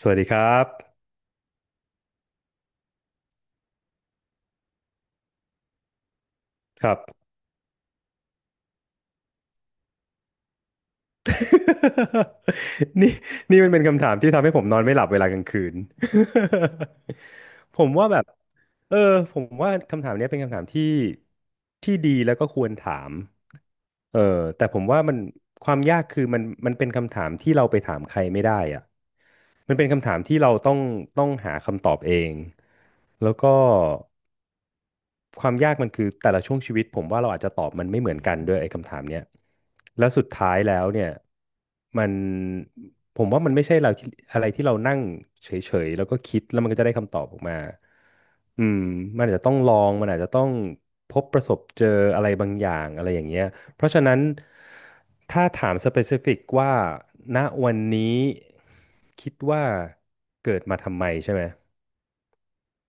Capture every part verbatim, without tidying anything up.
สวัสดีครับ ครับ นี่นี่มันเป็นคำถามที่ทำให้ผมนอนไม่หลับเวลากลางคืน ผมว่าแบบเออผมว่าคำถามเนี้ยเป็นคำถามที่ที่ดีแล้วก็ควรถามเออแต่ผมว่ามันความยากคือมันมันเป็นคำถามที่เราไปถามใครไม่ได้อะมันเป็นคำถามที่เราต้องต้องหาคำตอบเองแล้วก็ ความยากมันคือแต่ละช่วงชีวิตผมว่าเราอาจจะตอบมันไม่เหมือนกันด้วยไอ้คำถามเนี้ยแล้วสุดท้ายแล้วเนี่ยมันผมว่ามันไม่ใช่เราที่อะไรที่เรานั่งเฉยๆแล้วก็คิดแล้วมันก็จะได้คำตอบออกมาอืมมันอาจจะต้องลองมันอาจจะต้องพบประสบเจออะไรบางอย่างอะไรอย่างเงี้ยเพราะฉะนั้นถ้าถาม specific ว่าณวันนี้คิดว่าเกิดมาทำไมใช่ไหม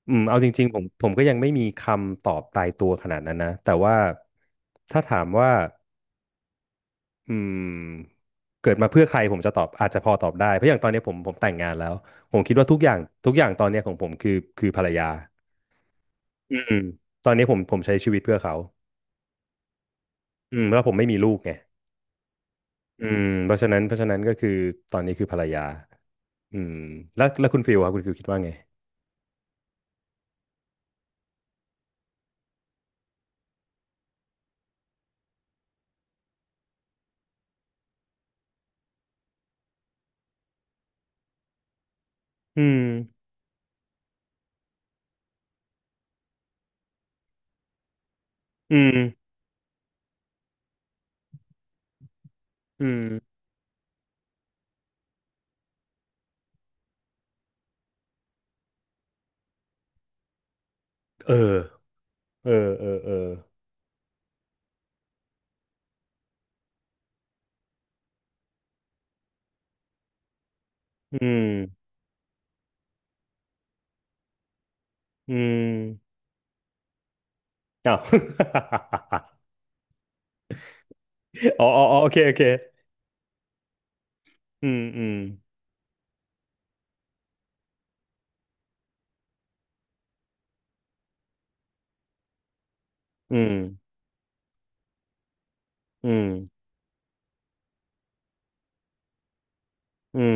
อืมเอาจริงๆผมผมก็ยังไม่มีคำตอบตายตัวขนาดนั้นนะแต่ว่าถ้าถามว่าอืมเกิดมาเพื่อใครผมจะตอบอาจจะพอตอบได้เพราะอย่างตอนนี้ผมผมแต่งงานแล้วผมคิดว่าทุกอย่างทุกอย่างตอนนี้ของผมคือคือภรรยาอืมตอนนี้ผมผมใช้ชีวิตเพื่อเขาอืมแล้วผมไม่มีลูกไงอืมเพราะฉะนั้นเพราะฉะนั้นก็คือตอนนี้คือภรรยาอืมแล้วแล้วคุณฟิลครับคุณฟิลคิดว่าไงอืมอืมอืมเออเออเออเอออืมอืม อ้าว อ๋ออ๋ออ๋อโอเคโอเคอืมอืม อืม อืม อืม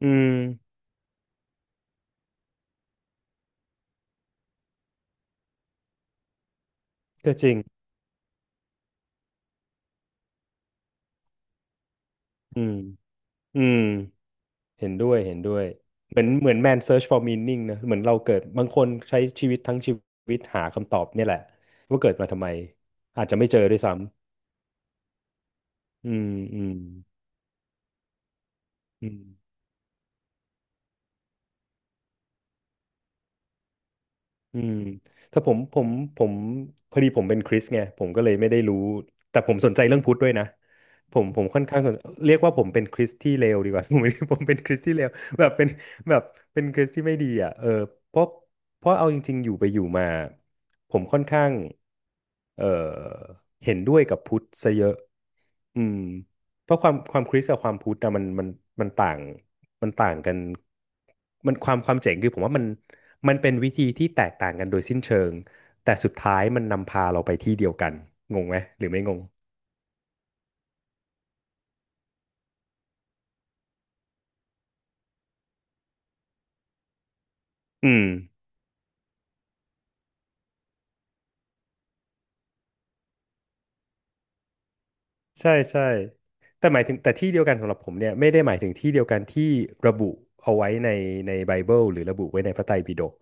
อืมก็จริงอืม อืมเห็นด้วย เห็นด้วย เหมือนเหมือน man search for meaning นะ เหมือนเราเกิดบางคนใช้ชีวิตทั้งชีวิตหาคำตอบเนี่ยแหละว่าเกิดมาทำไมอาจจะไม่เจอด้วยซ้ำ อืม อืมอืม อืมถ้าผมผมผมพอดีผมเป็นคริสต์ไงผมก็เลยไม่ได้รู้แต่ผมสนใจเรื่องพุทธด้วยนะผมผมค่อนข้างสนเรียกว่าผมเป็นคริสต์ที่เลวดีกว่า ผมไม่ได้ผมเป็นคริสต์ที่เลวแบบเป็นแบบเป็นคริสต์ที่ไม่ดีอ่ะเออเพราะเพราะเอาจริงๆอยู่ไปอยู่มาผมค่อนข้างเออเห็นด้วยกับพุทธซะเยอะอืม เพราะความความคริสต์กับความพุทธอะมันมันมันต่างมันต่างกันมันความความเจ๋งคือผมว่ามันมันเป็นวิธีที่แตกต่างกันโดยสิ้นเชิงแต่สุดท้ายมันนำพาเราไปที่เดียวกันงงไหมหรือไม่งงอืม ใช่ใช่แต่หมายถึงแต่ที่เดียวกันสำหรับผมเนี่ยไม่ได้หมายถึงที่เดียวกันที่ระบุเอาไว้ในในไบเบิลหรือระบุไว้ในพระไตรปิฎก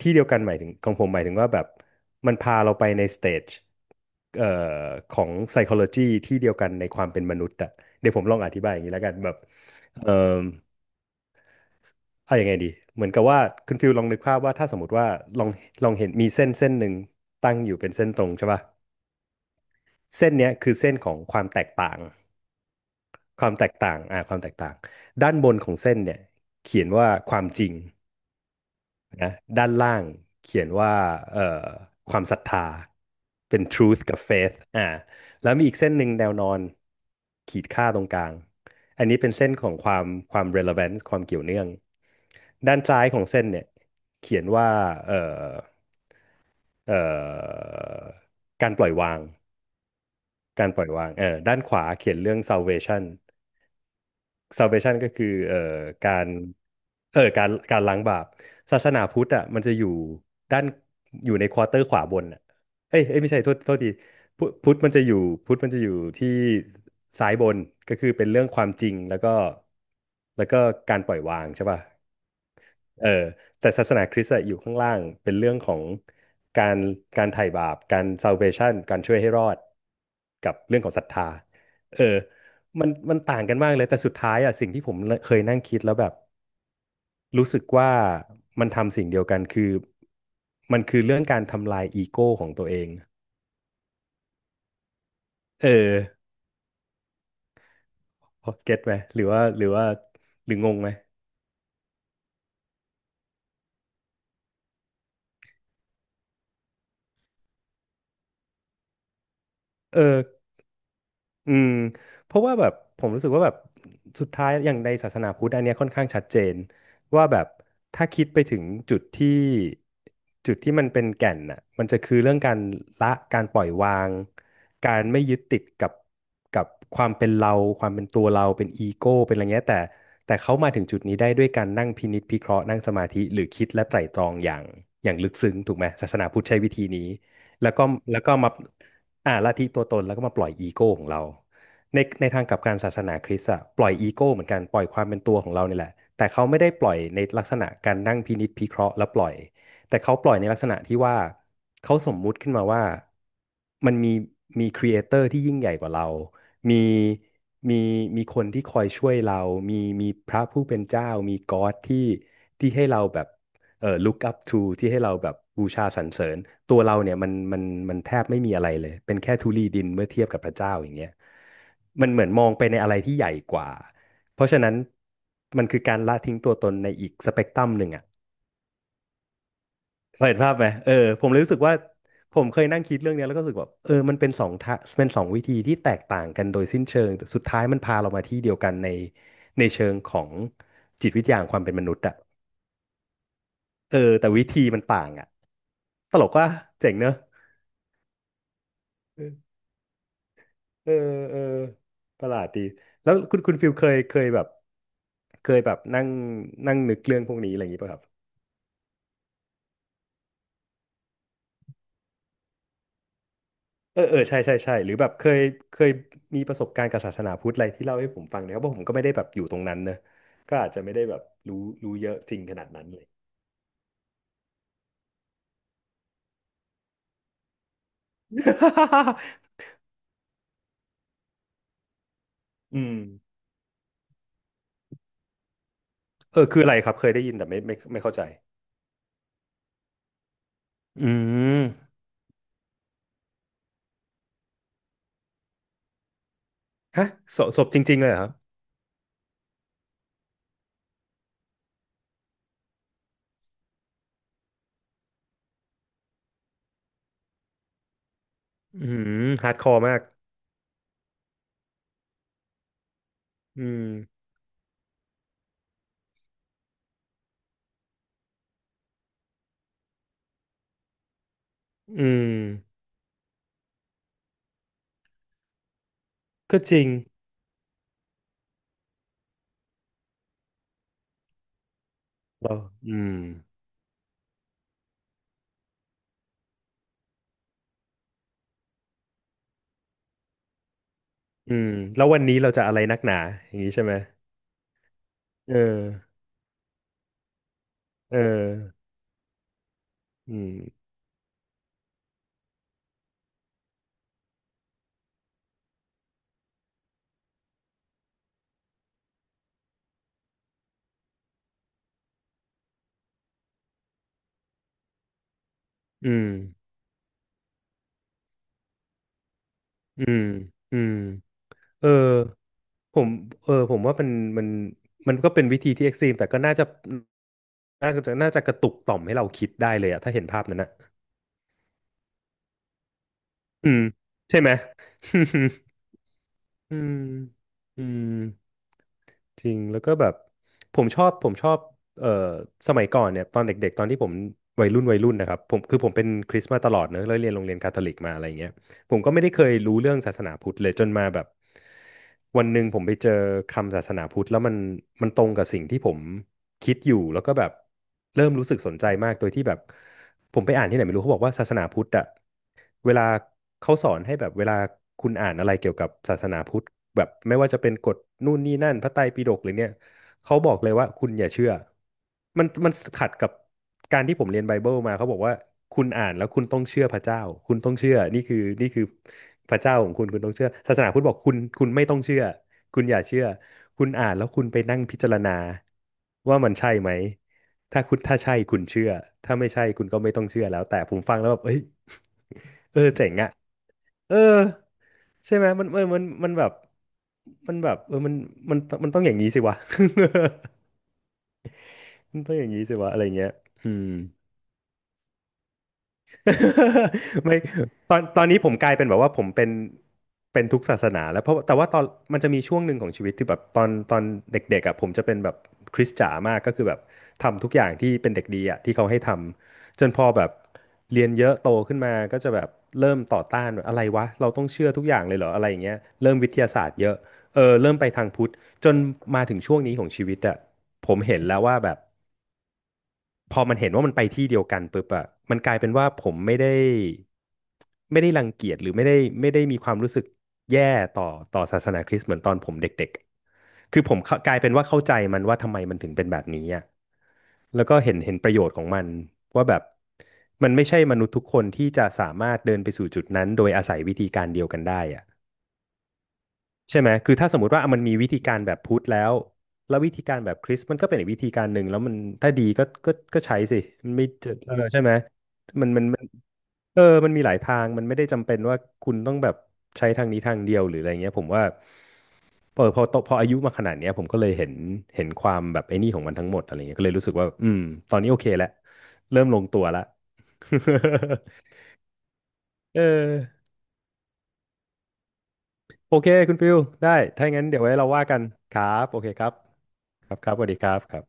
ที่เดียวกันหมายถึงของผมหมายถึงว่าแบบมันพาเราไปในสเตจเอ่อของ psychology ที่เดียวกันในความเป็นมนุษย์อะเดี๋ยวผมลองอธิบายอย่างนี้แล้วกันแบบเอ่อเอายังไงดีเหมือนกับว่าคุณฟิลลองนึกภาพว่าถ้าสมมติว่าลองลองเห็นมีเส้นเส้นหนึ่งตั้งอยู่เป็นเส้นตรงใช่ป่ะเส้นเนี้ยคือเส้นของความแตกต่าง ความแตกต่างอ่าความแตกต่างด้านบนของเส้นเนี่ยเขียนว่าความจริงนะด้านล่างเขียนว่าเอ่อความศรัทธาเป็น truth กับ faith อ่าแล้วมีอีกเส้นหนึ่งแนวนอนขีดค่าตรงกลาง อันนี้เป็นเส้นของความความ relevance ความเกี่ยวเนื่องด้านซ้ายของเส้นเนี่ยเขียนว่าเอ่อเอ่อการปล่อยวางการปล่อยวางเออด้านขวาเขียนเรื่อง salvation salvation ก็คือเอ่อการเอ่อการการล้างบาปศาสนาพุทธอ่ะมันจะอยู่ด้านอยู่ในควอเตอร์ขวาบนอ่ะเอ้ยเอ้ยไม่ใช่โทษโทษทีพุพุทธมันจะอยู่พุทธมันจะอยู่ที่ซ้ายบน ก็คือเป็นเรื่องความจริงแล้วก็แล้วก็การปล่อยวางใช่ป่ะ เออแต่ศาสนาคริสต์อะอยู่ข้างล่างเป็นเรื่องของการการไถ่บาปการ salvation การช่วยให้รอดกับเรื่องของศรัทธาเออมันมันต่างกันมากเลยแต่สุดท้ายอะสิ่งที่ผมเคยนั่งคิดแล้วแบบรู้สึกว่ามันทำสิ่งเดียวกันคือมันคือเรื่องการทำลายอีโก้ของตัวเองเออเก็ตไหมหรือว่าหรือว่าหรืองงไหมเออ อืมเพราะว่าแบบผมรู้สึกว่าแบบสุดท้ายอย่างในศาสนาพุทธอันเนี้ยค่อนข้างชัดเจนว่าแบบถ้าคิดไปถึงจุดที่จุดที่มันเป็นแก่นน่ะมันจะคือเรื่องการละการปล่อยวางการไม่ยึดติดกับกับความเป็นเราความเป็นตัวเราเป็นอีโก้เป็นอะไรเงี้ยแต่แต่เขามาถึงจุดนี้ได้ด้วยการนั่งพินิจพิเคราะห์นั่งสมาธิหรือคิดและไตร่ตรองอย่างอย่างลึกซึ้งถูกไหมศาสนาพุทธใช้วิธีนี้ แล้วก็แล้วก็มาอ่าละทีงตัวตนแล้วก็มาปล่อยอีโก้ของเราในในทางกลับกันศาสนาคริสต์อะปล่อยอีโก้เหมือนกันปล่อยความเป็นตัวของเราเนี่ยแหละแต่เขาไม่ได้ปล่อยในลักษณะการนั่งพินิจพิเคราะห์แล้วปล่อยแต่เขาปล่อยในลักษณะที่ว่าเขาสมมุติขึ้นมาว่ามันมีมีครีเอเตอร์ที่ยิ่งใหญ่กว่าเรามีมีมีคนที่คอยช่วยเรา มีมีพระผู้เป็นเจ้ามีก็อดที่ที่ให้เราแบบ เอ่อ look up to ที่ให้เราแบบบูชาสรรเสริญตัวเราเนี่ยมันมันมันแทบไม่มีอะไรเลยเป็นแค่ธุลีดินเมื่อเทียบกับพระเจ้าอย่างเงี้ยมันเหมือนมองไปในอะไรที่ใหญ่กว่าเพราะฉะนั้นมันคือการละทิ้งตัวตนในอีกสเปกตรัมหนึ่งอ่ะพอเห็นภาพไหมเออผมเลยรู้สึกว่าผมเคยนั่งคิดเรื่องเนี้ยแล้วก็รู้สึกแบบเออมันเป็นสองทะเป็นสองวิธีที่แตกต่างกันโดยสิ้นเชิงแต่สุดท้ายมันพาเรามาที่เดียวกันในในเชิงของจิตวิทยาของความเป็นมนุษย์อะ เออแต่วิธีมันต่างอ่ะตลกว่าเจ๋งเนอะเออเออประหลาดดีแล้วคุณคุณฟิลเคยเคยแบบเคยแบบนั่งนั่งนึกเรื่องพวกนี้อะไรอย่างงี้ป่ะครับเออเออใช่ใช่ใช่หรือแบบเคยเคยมีประสบการณ์กับศาสนาพุทธอะไรที่เล่าให้ผมฟังเนี่ยเพราะผมก็ไม่ได้แบบอยู่ตรงนั้นเนอะก็อาจจะไม่ได้แบบรู้รู้เยอะจริงขนาดนั้นเลย อืมเออคืออะไรครับเคยได้ยินแต่ไม่ไม่ไม่เข้าใจอืมฮะศพศพจริงๆเลยเหรอครับอืมฮาร์ดคอร์มาก อืมอืมก็จริงเราอืมอืมแล้ววันนี้เราจะอะไรนักหนาอย่างนี้ใช่ไหมเออเอออืมอืมอืมอืมเออผมเออผมว่ามันมันมันก็เป็นวิธีที่เอ็กซ์ตรีมแต่ก็น่าจะน่าจะน่าจะกระตุกต่อมให้เราคิดได้เลยอะถ้าเห็นภาพนั้นนะอืมใช่ไหม อืมอืม จริงแล้วก็แบบผมชอบผมชอบเอ่อสมัยก่อนเนี่ยตอนเด็กๆตอนที่ผมวัยรุ่นวัยรุ่นนะครับผมคือผมเป็นคริสต์มาตลอดเนอะแล้วเรียนโรงเรียนคาทอลิกมาอะไรเงี้ย ผมก็ไม่ได้เคยรู้เรื่องศาสนาพุทธเลยจนมาแบบวันหนึ่งผมไปเจอคำศาสนาพุทธแล้วมันมันตรงกับสิ่งที่ผมคิดอยู่แล้วก็แบบเริ่มรู้สึกสนใจมากโดยที่แบบผมไปอ่านที่ไหนไม่รู้เขาบอกว่าศาสนาพุทธอะเวลาเขาสอนให้แบบเวลาคุณอ่านอะไรเกี่ยวกับศาสนาพุทธแบบไม่ว่าจะเป็นกฎนู่นนี่นั่นพระไตรปิฎกหรือเนี่ย เขาบอกเลยว่าคุณอย่าเชื่อ มันมันขัดกับการที่ผมเรียนไบเบิลมาเขาบอกว่าคุณอ่านแล้วคุณต้องเชื่อพระเจ้าคุณต้องเชื่อนี่คือนี่คือพระเจ้าของคุณคุณต้องเชื่อศาสนาพุทธบอกคุณคุณไม่ต้องเชื่อคุณอย่าเชื่อคุณอ่านแล้วคุณไปนั่งพิจารณาว่ามันใช่ไหมถ้าคุณถ้าใช่คุณเชื่อถ้าไม่ใช่คุณก็ไม่ต้องเชื่อแล้วแต่ผมฟังแล้วแบบเอ้ย เออเจ๋งอะ เออใช่ไหมมันเออมันมันแบบมันแบบเออมันมันมันต้องอย่างนี้สิวะ มันต้องอย่างนี้สิวะอะไรเงี้ยอืม ไม่ตอนตอนนี้ผมกลายเป็นแบบว่าผมเป็นเป็นทุกศาสนาแล้วเพราะแต่ว่าตอนมันจะมีช่วงหนึ่งของชีวิตที่แบบตอนตอนเด็กๆอ่ะผมจะเป็นแบบคริสจ๋ามากก็คือแบบทำทุกอย่างที่เป็นเด็กดีอ่ะที่เขาให้ทำจนพอแบบเรียนเยอะโตขึ้นมาก็จะแบบเริ่มต่อต้านแบบอะไรวะเราต้องเชื่อทุกอย่างเลยเหรออะไรอย่างเงี้ยเริ่มวิทยาศาสตร์เยอะเออเริ่มไปทางพุทธจนมาถึงช่วงนี้ของชีวิตอ่ะผมเห็นแล้วว่าแบบ พอมันเห็นว่ามันไปที่เดียวกันปุ๊บอะมันกลายเป็นว่าผมไม่ได้ไม่ได้รังเกียจหรือไม่ได้ไม่ได้มีความรู้สึกแย่ต่อต่อศาสนาคริสต์เหมือนตอนผมเด็กๆ คือผมเข้ากลายเป็นว่าเข้าใจมันว่าทำไมมันถึงเป็นแบบนี้อะแล้วก็เห็นเห็นประโยชน์ของมันว่าแบบมันไม่ใช่มนุษย์ทุกคนที่จะสามารถเดินไปสู่จุดนั้นโดยอาศัยวิธีการเดียวกันได้อะ ใช่ไหมคือถ้าสมมติว่ามันมีวิธีการแบบพุทธแล้วแล้ววิธีการแบบคริสต์มันก็เป็นอีกวิธีการหนึ่งแล้วมันถ้าดีก็ก็ก็ใช้สิมันไม่จะเออใช่ไหมมันมันมันเออมันมีหลายทางมันไม่ได้จำเป็นว่าคุณต้องแบบใช้ทางนี้ทางเดียวหรืออะไรเงี้ยผมว่าเออพอโตพออายุมาขนาดเนี้ยผมก็เลยเห็นเห็นความแบบไอ้นี่ของมันทั้งหมดอะไรเงี้ยก็เลยรู้สึกว่าอืมตอนนี้โอเคแล้วเริ่มลงตัวละ เออ โอเคคุณฟิลได้ถ้าอย่างนั้นเดี๋ยวไว้เราว่ากันครับโอเคครับครับครับสวัสดีครับครับ